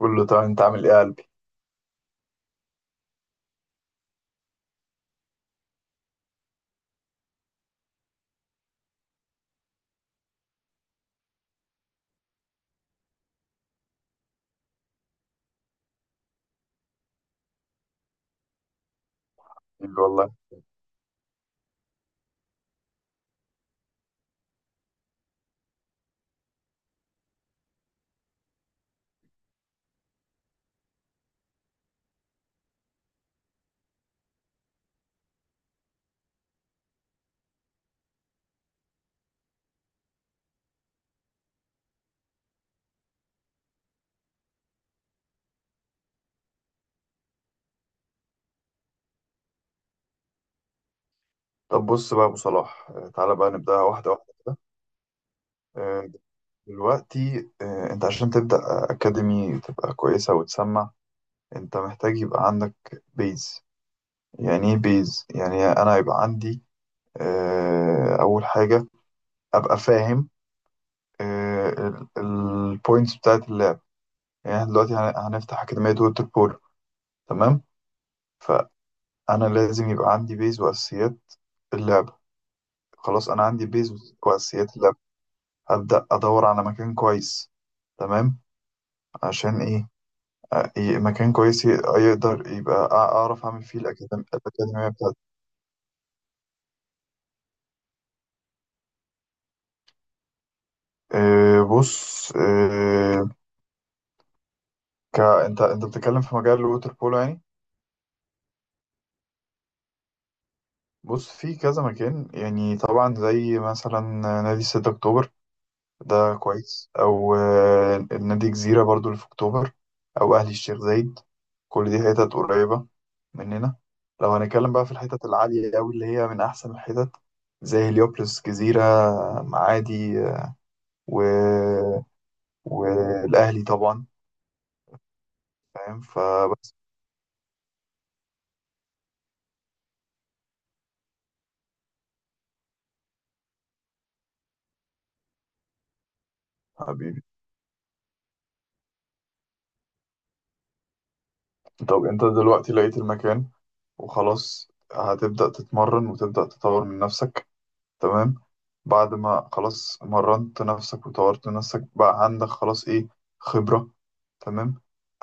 قول له طب انت عامل ايه يا قلبي. قال له والله. طب بص بقى يا ابو صلاح، تعالى بقى نبدأها واحده واحده كده. آه، دلوقتي انت عشان تبدأ اكاديمي تبقى كويسه وتسمع، انت محتاج يبقى عندك بيز. يعني ايه بيز؟ يعني انا يبقى عندي اول حاجه ابقى فاهم البوينتس بتاعت اللعب. يعني احنا دلوقتي هنفتح اكاديميه ووتر بولو، تمام. فانا لازم يبقى عندي بيز واساسيات اللعبه. خلاص انا عندي بيز واساسيات اللعبه، أبدأ أدور على مكان كويس، تمام. عشان إيه؟ مكان كويس يقدر يبقى أعرف أعمل فيه الأكاديمية بتاعتي. بص، أنت بتتكلم في مجال الووتر بولو يعني. بص في كذا مكان، يعني طبعا زي مثلا نادي 6 أكتوبر، ده كويس، او النادي جزيرة برضو اللي في اكتوبر، او اهلي الشيخ زايد، كل دي حتت قريبة مننا. لو هنتكلم بقى في الحتت العالية أوي اللي هي من أحسن الحتت، زي هليوبلس جزيرة، معادي، و... والأهلي طبعا، فاهم؟ فبس. حبيبي، طب أنت دلوقتي لقيت المكان وخلاص هتبدأ تتمرن وتبدأ تطور من نفسك، تمام. بعد ما خلاص مرنت نفسك وطورت نفسك بقى عندك خلاص ايه؟ خبرة. تمام،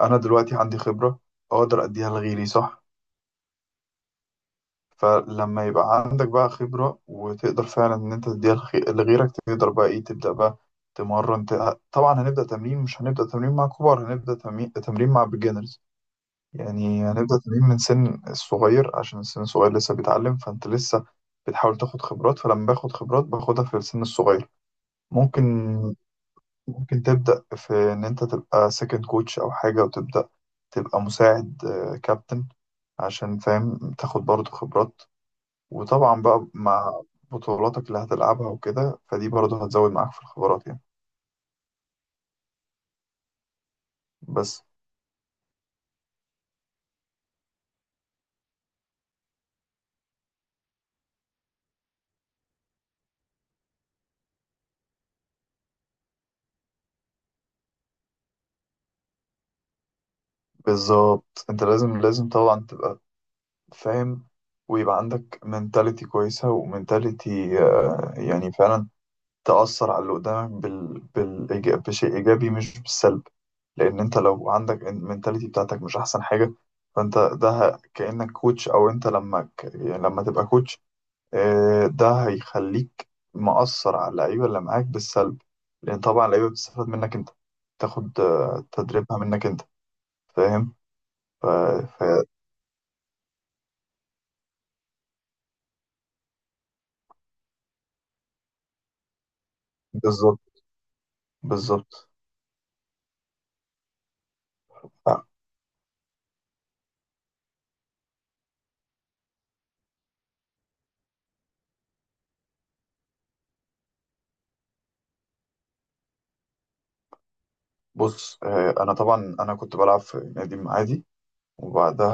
انا دلوقتي عندي خبرة، اقدر اديها لغيري، صح. فلما يبقى عندك بقى خبرة وتقدر فعلا ان انت تديها لغيرك تقدر بقى ايه؟ تبدأ بقى تمرن، طبعا هنبدأ تمرين، مش هنبدأ تمرين مع كبار، هنبدأ تمرين مع بيجنرز. يعني هنبدأ تمرين من سن الصغير عشان السن الصغير لسه بيتعلم، فانت لسه بتحاول تاخد خبرات، فلما باخد خبرات باخدها في السن الصغير. ممكن تبدأ في إن أنت تبقى سكند كوتش أو حاجة، وتبدأ تبقى مساعد كابتن، عشان فاهم تاخد برضه خبرات. وطبعا بقى مع بطولاتك اللي هتلعبها وكده، فدي برضه هتزود معاك في الخبرات يعني، بس. بالظبط، أنت لازم لازم طبعا تبقى فاهم، ويبقى عندك منتاليتي كويسة، ومنتاليتي يعني فعلا تأثر على اللي قدامك بشيء إيجابي مش بالسلب. لأن أنت لو عندك المنتاليتي بتاعتك مش أحسن حاجة، فأنت ده كأنك كوتش، أو أنت لما يعني لما تبقى كوتش، ده هيخليك مأثر على اللعيبة اللي معاك بالسلب، لأن طبعا اللعيبة بتستفاد منك أنت، تاخد تدريبها منك أنت، فاهم؟ ف... ف... بالظبط بالظبط. آه، بص، أنا طبعا أنا كنت بلعب في نادي عادي، وبعدها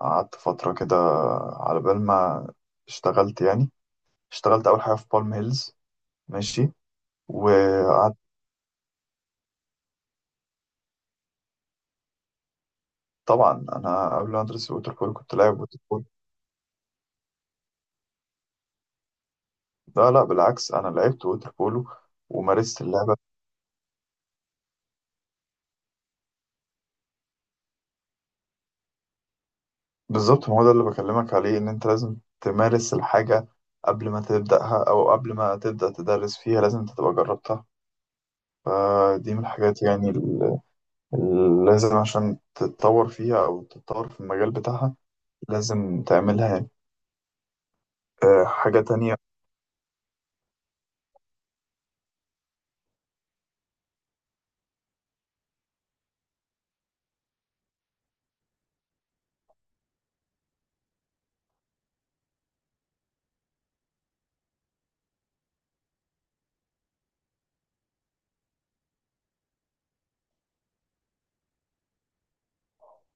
قعدت فترة كده على بال ما اشتغلت يعني. اشتغلت أول حاجة في بالم هيلز، ماشي، وقعدت. طبعا أنا قبل ما أدرس الوتر بولو كنت لاعب ووتر بولو. لا لا بالعكس، أنا لعبت ووتر بولو ومارست اللعبة. بالظبط، ما هو ده اللي بكلمك عليه إن أنت لازم تمارس الحاجة قبل ما تبدأها، أو قبل ما تبدأ تدرس فيها لازم أنت تبقى جربتها. فدي من الحاجات يعني اللي لازم عشان تتطور فيها، أو تتطور في المجال بتاعها لازم تعملها يعني. حاجة تانية.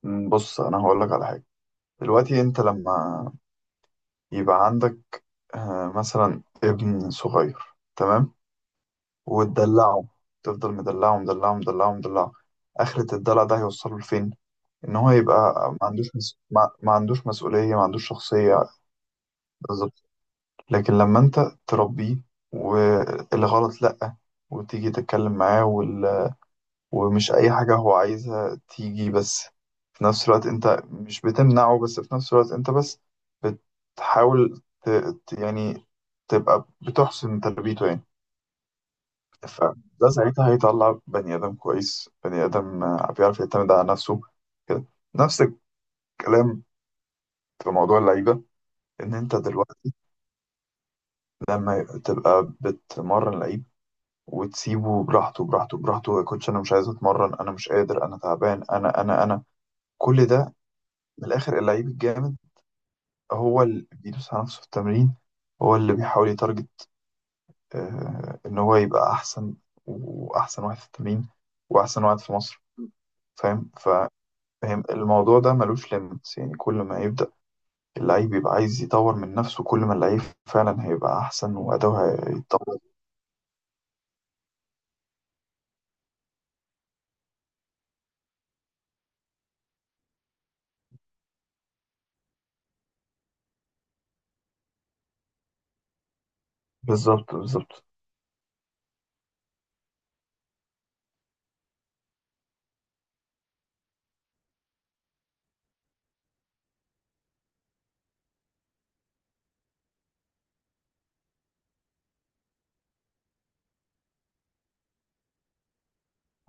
بص أنا هقولك على حاجة. دلوقتي أنت لما يبقى عندك مثلا ابن صغير، تمام، وتدلعه، تفضل مدلعه مدلعه مدلعه مدلعه، آخرة الدلع ده هيوصله لفين؟ إن هو يبقى ما عندوش مس... ما... ما عندوش مسؤولية، ما عندوش شخصية. بالظبط، لكن لما أنت تربيه والغلط لأ، وتيجي تتكلم معاه ومش أي حاجة هو عايزها تيجي، بس في نفس الوقت أنت مش بتمنعه، بس في نفس الوقت أنت بس بتحاول يعني تبقى بتحسن تربيته يعني. فده ساعتها هيطلع بني آدم كويس، بني آدم بيعرف يعتمد على نفسه كده. نفس الكلام في موضوع اللعيبة، إن أنت دلوقتي لما تبقى بتمرن لعيب وتسيبه براحته براحته براحته، يا كوتش أنا مش عايز أتمرن، أنا مش قادر، أنا تعبان، أنا أنا أنا كل ده. من الآخر اللعيب الجامد هو اللي بيدوس على نفسه في التمرين، هو اللي بيحاول يتارجت إن هو يبقى أحسن وأحسن واحد في التمرين، وأحسن واحد في مصر، فاهم؟ فاهم الموضوع ده ملوش ليميتس يعني، كل ما يبدأ اللعيب يبقى عايز يطور من نفسه كل ما اللعيب فعلا هيبقى أحسن وأداؤه هيتطور. بالظبط بالظبط.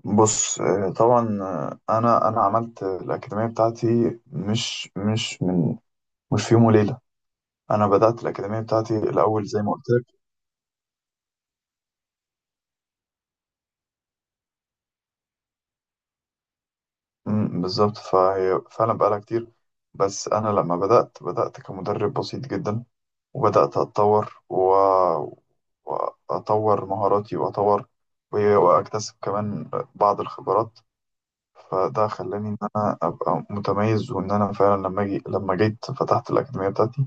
بص، طبعا أنا عملت الأكاديمية بتاعتي مش في يوم وليلة. أنا بدأت الأكاديمية بتاعتي الأول زي ما قلت. بالظبط، فهي فعلا بقالها كتير. بس أنا لما بدأت كمدرب بسيط جدا، وبدأت أتطور وأطور مهاراتي وأطور وأكتسب كمان بعض الخبرات. فده خلاني إن أنا أبقى متميز، وإن أنا فعلا لما لما جيت فتحت الأكاديمية بتاعتي،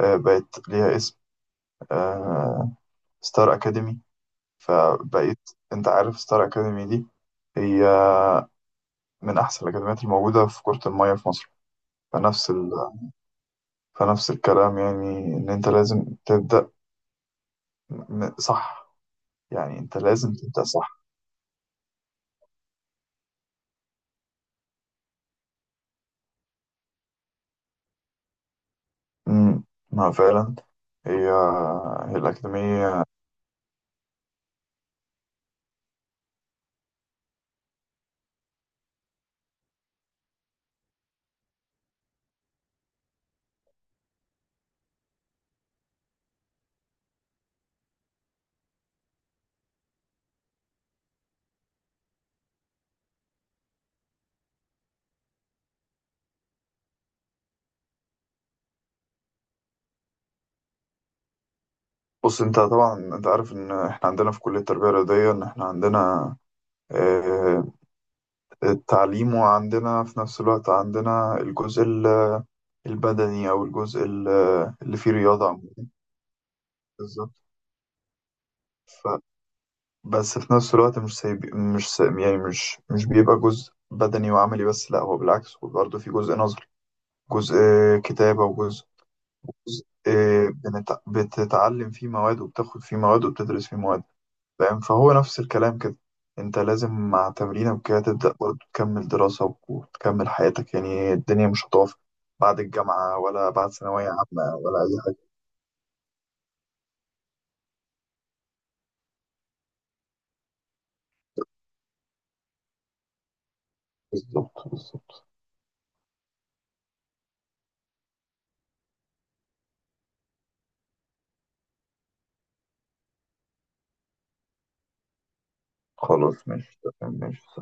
بقت ليها اسم، آه، ستار أكاديمي. فبقيت، أنت عارف ستار أكاديمي دي هي من أحسن الأكاديميات الموجودة في كرة المية في مصر. فنفس ال... فنفس الكلام يعني ان انت لازم تبدأ صح، يعني انت لازم تبدأ صح. امم، ما فعلا هي هي الأكاديمية. بص انت طبعا انت عارف ان احنا عندنا في كلية التربية الرياضية ان احنا عندنا آه، التعليم، وعندنا في نفس الوقت عندنا الجزء البدني، او الجزء اللي فيه رياضة عموما. بالظبط، ف- بس في نفس الوقت مش سايب، مش سايب يعني مش مش بيبقى جزء بدني وعملي بس، لا هو بالعكس هو برضه في جزء نظري، جزء كتابة، وجزء جزء بتتعلم فيه مواد، وبتاخد فيه مواد، وبتدرس فيه مواد. فاهم، فهو نفس الكلام كده، انت لازم مع تمرينك وكده تبدأ برضه تكمل دراسة وتكمل حياتك، يعني الدنيا مش هتقف بعد الجامعة ولا بعد ثانوية عامة ولا أي حاجة. بالظبط بالظبط، خلاص ماشي تمام، ماشي.